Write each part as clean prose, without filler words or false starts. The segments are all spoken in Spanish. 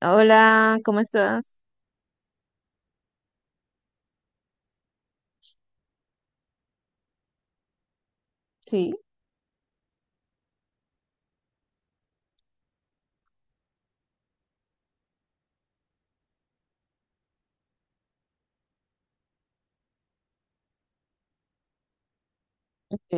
Hola, ¿cómo estás? Sí, ok,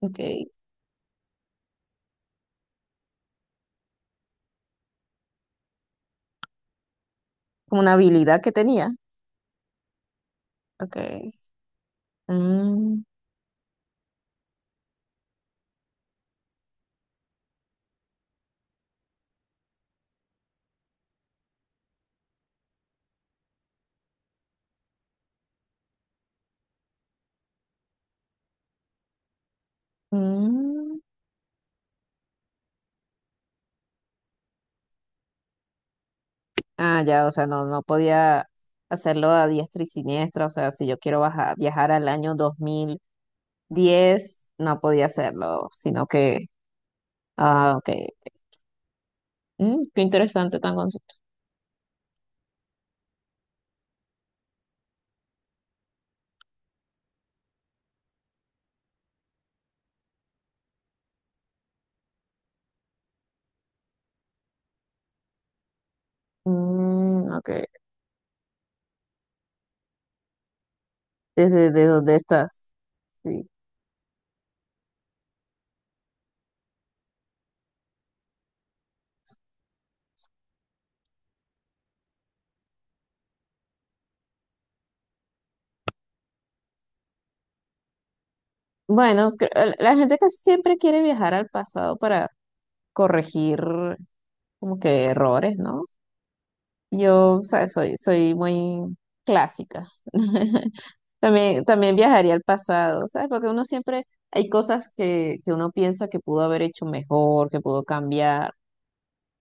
ok. Como una habilidad que tenía. Ok. Mm, mm. Ah, ya, o sea, no, no podía hacerlo a diestra y siniestra. O sea, si yo quiero viajar al año 2010, no podía hacerlo, sino que, ah, ok. Qué interesante tan concepto. Mm, ok. ¿Desde de dónde estás? Sí. Bueno, la gente que siempre quiere viajar al pasado para corregir como que errores, ¿no? Yo, o sea, soy, muy clásica. También viajaría al pasado, ¿sabes? Porque uno siempre, hay cosas que, uno piensa que pudo haber hecho mejor, que pudo cambiar.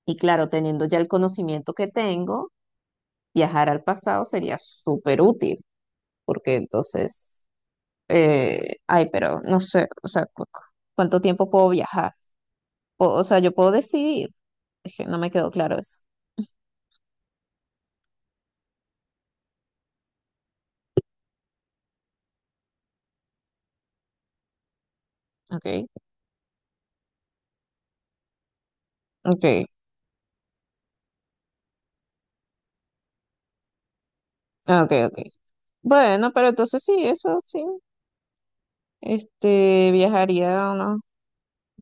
Y claro, teniendo ya el conocimiento que tengo, viajar al pasado sería súper útil, porque entonces, ay, pero no sé, o sea, ¿cuánto tiempo puedo viajar? O sea, yo puedo decidir. Es que no me quedó claro eso. Ok, ok, ok, ok. Bueno, pero entonces sí, eso sí. Este, viajaría un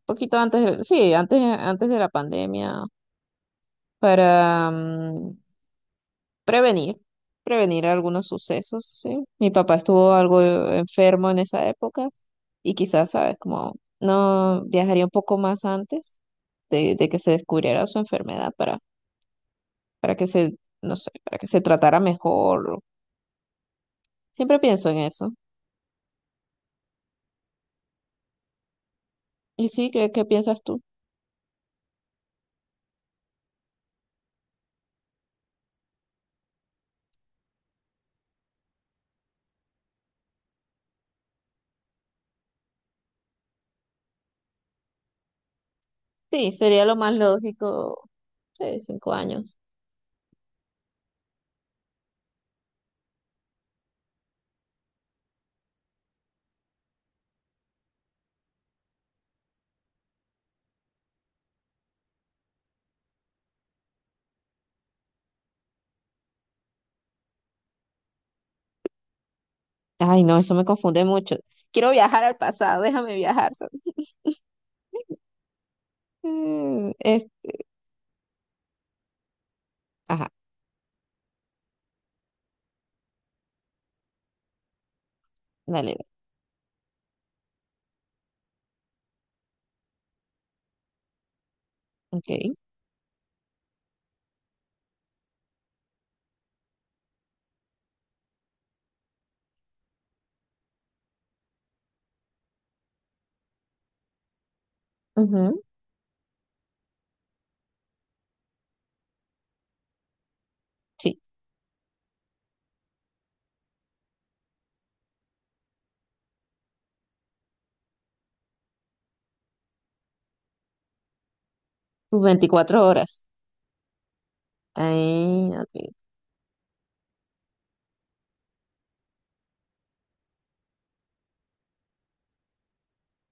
poquito antes de, sí, antes, de la pandemia para prevenir, algunos sucesos, sí. Mi papá estuvo algo enfermo en esa época y quizás, sabes, como no viajaría un poco más antes de, que se descubriera su enfermedad para, que se, no sé, para que se tratara mejor. Siempre pienso en eso. ¿Y sí, qué, piensas tú? Sí, sería lo más lógico. Sí, 5 años. Ay, no, eso me confunde mucho. Quiero viajar al pasado, déjame viajar. Sol. Mm, es, ajá, dale, dale. Ok. Ujú, sí, tus 24 horas. Ahí, ok.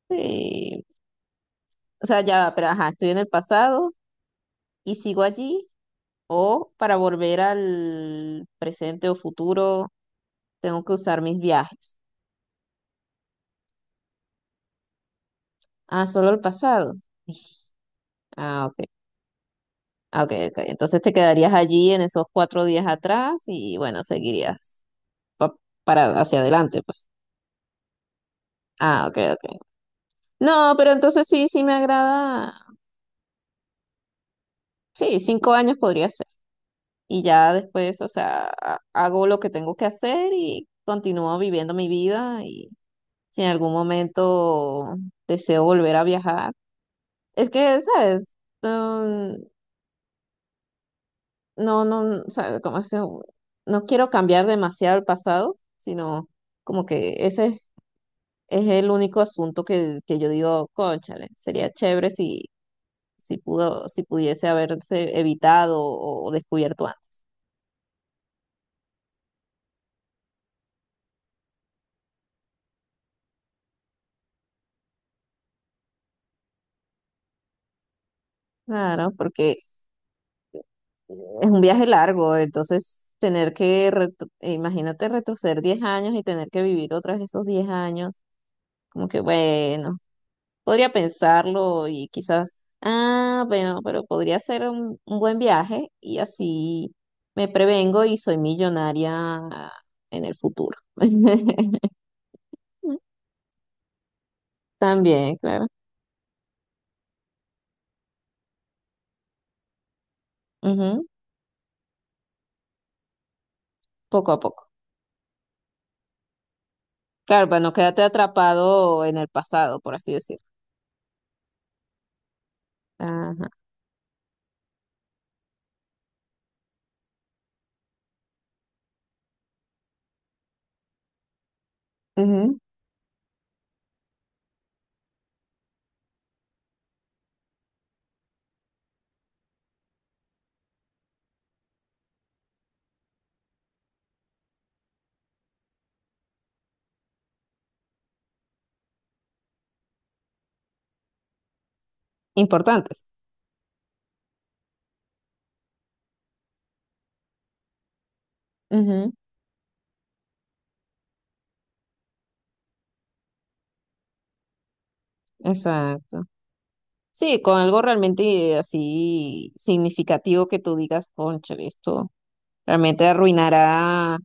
Sí. O sea, ya, va, pero ajá, estoy en el pasado y sigo allí. O para volver al presente o futuro, tengo que usar mis viajes. Ah, solo el pasado. Ij, ah, ok. Ah, ok, ok. Entonces te quedarías allí en esos 4 días atrás y bueno, seguirías pa- para hacia adelante, pues. Ah, ok, ok. No, pero entonces sí, me agrada. Sí, 5 años podría ser. Y ya después, o sea, hago lo que tengo que hacer y continúo viviendo mi vida. Y si en algún momento deseo volver a viajar, es que, ¿sabes? Mm, no, no, ¿sabes? Como es que no quiero cambiar demasiado el pasado, sino como que ese es el único asunto que, yo digo, cónchale, sería chévere si pudiese haberse evitado o descubierto antes. Claro, porque es un viaje largo, entonces tener que, imagínate retroceder 10 años y tener que vivir otras esos 10 años, como que bueno, podría pensarlo y quizás, ah, bueno, pero podría ser un, buen viaje y así me prevengo y soy millonaria en el futuro. También, claro. Ujú, poco a poco. Claro, para no quedarte atrapado en el pasado, por así decirlo. Ajá. Ujú, importantes. Ujú, exacto. Sí, con algo realmente así significativo que tú digas, cónchale, esto realmente arruinará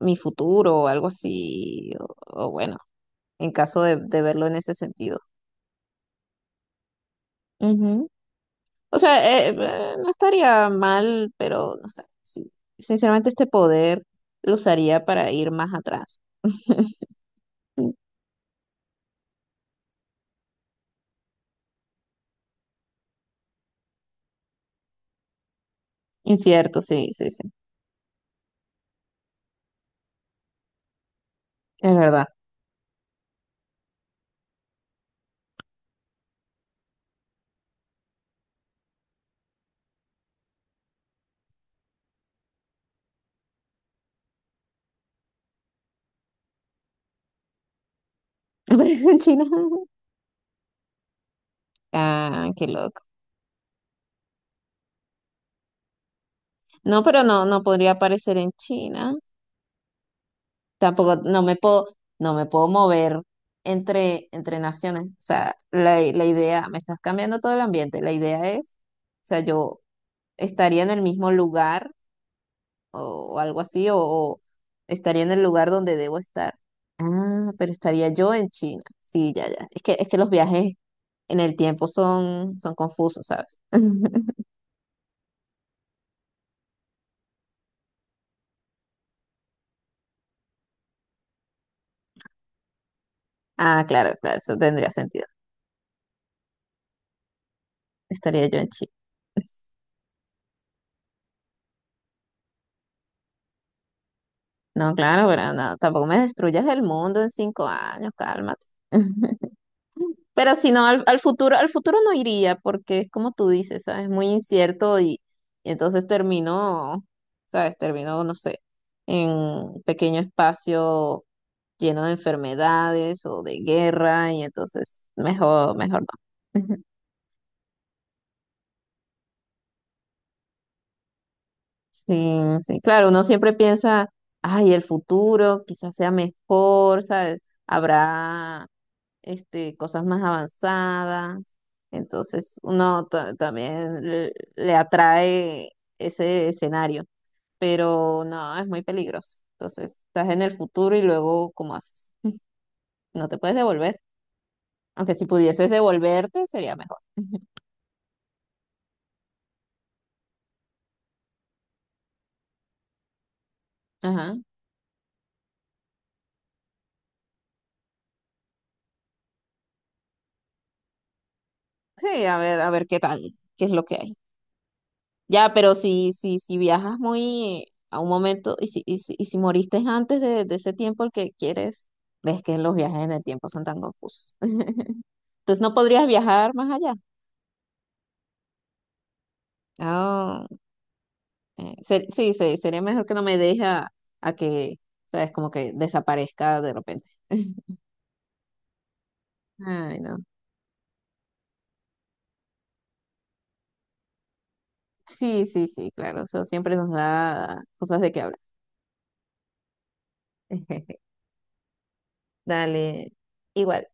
mi futuro o algo así. O bueno, en caso de, verlo en ese sentido. O sea, no estaría mal, pero no sé, sí. Sinceramente este poder lo usaría para ir más atrás. Mm, incierto, sí, sí, sí, es verdad. ¿Aparece en China? Ah, qué loco. No, pero no, no podría aparecer en China. Tampoco, no me puedo mover entre, naciones. O sea, la, idea, me estás cambiando todo el ambiente. La idea es, o sea, yo estaría en el mismo lugar o algo así, o, estaría en el lugar donde debo estar. Ah, pero estaría yo en China. Sí, ya, ya. Es que los viajes en el tiempo son, confusos, ¿sabes? Ah, claro, claro, eso tendría sentido. Estaría yo en China. No, claro, pero no, tampoco me destruyas el mundo en 5 años, cálmate. Pero si no, al futuro no iría, porque es como tú dices, ¿sabes? Muy incierto y entonces terminó, ¿sabes? Terminó, no sé, en un pequeño espacio lleno de enfermedades o de guerra y entonces mejor, mejor no. Sí, sí, claro, uno siempre piensa, ay, el futuro quizás sea mejor, ¿sabes? Habrá cosas más avanzadas. Entonces uno también le, atrae ese escenario, pero no, es muy peligroso. Entonces estás en el futuro y luego, ¿cómo haces? No te puedes devolver. Aunque si pudieses devolverte, sería mejor. Ajá. Sí, a ver qué tal, qué es lo que hay. Ya, pero si viajas muy a un momento y si moriste antes de, ese tiempo el que quieres, ves que los viajes en el tiempo son tan confusos. Entonces no podrías viajar más allá. Ah, sí, sí, sería mejor que no me deje a que, ¿sabes? Como que desaparezca de repente. Ay, no. Sí, sí, sí, claro. Eso siempre nos da cosas de qué hablar. Dale, igual.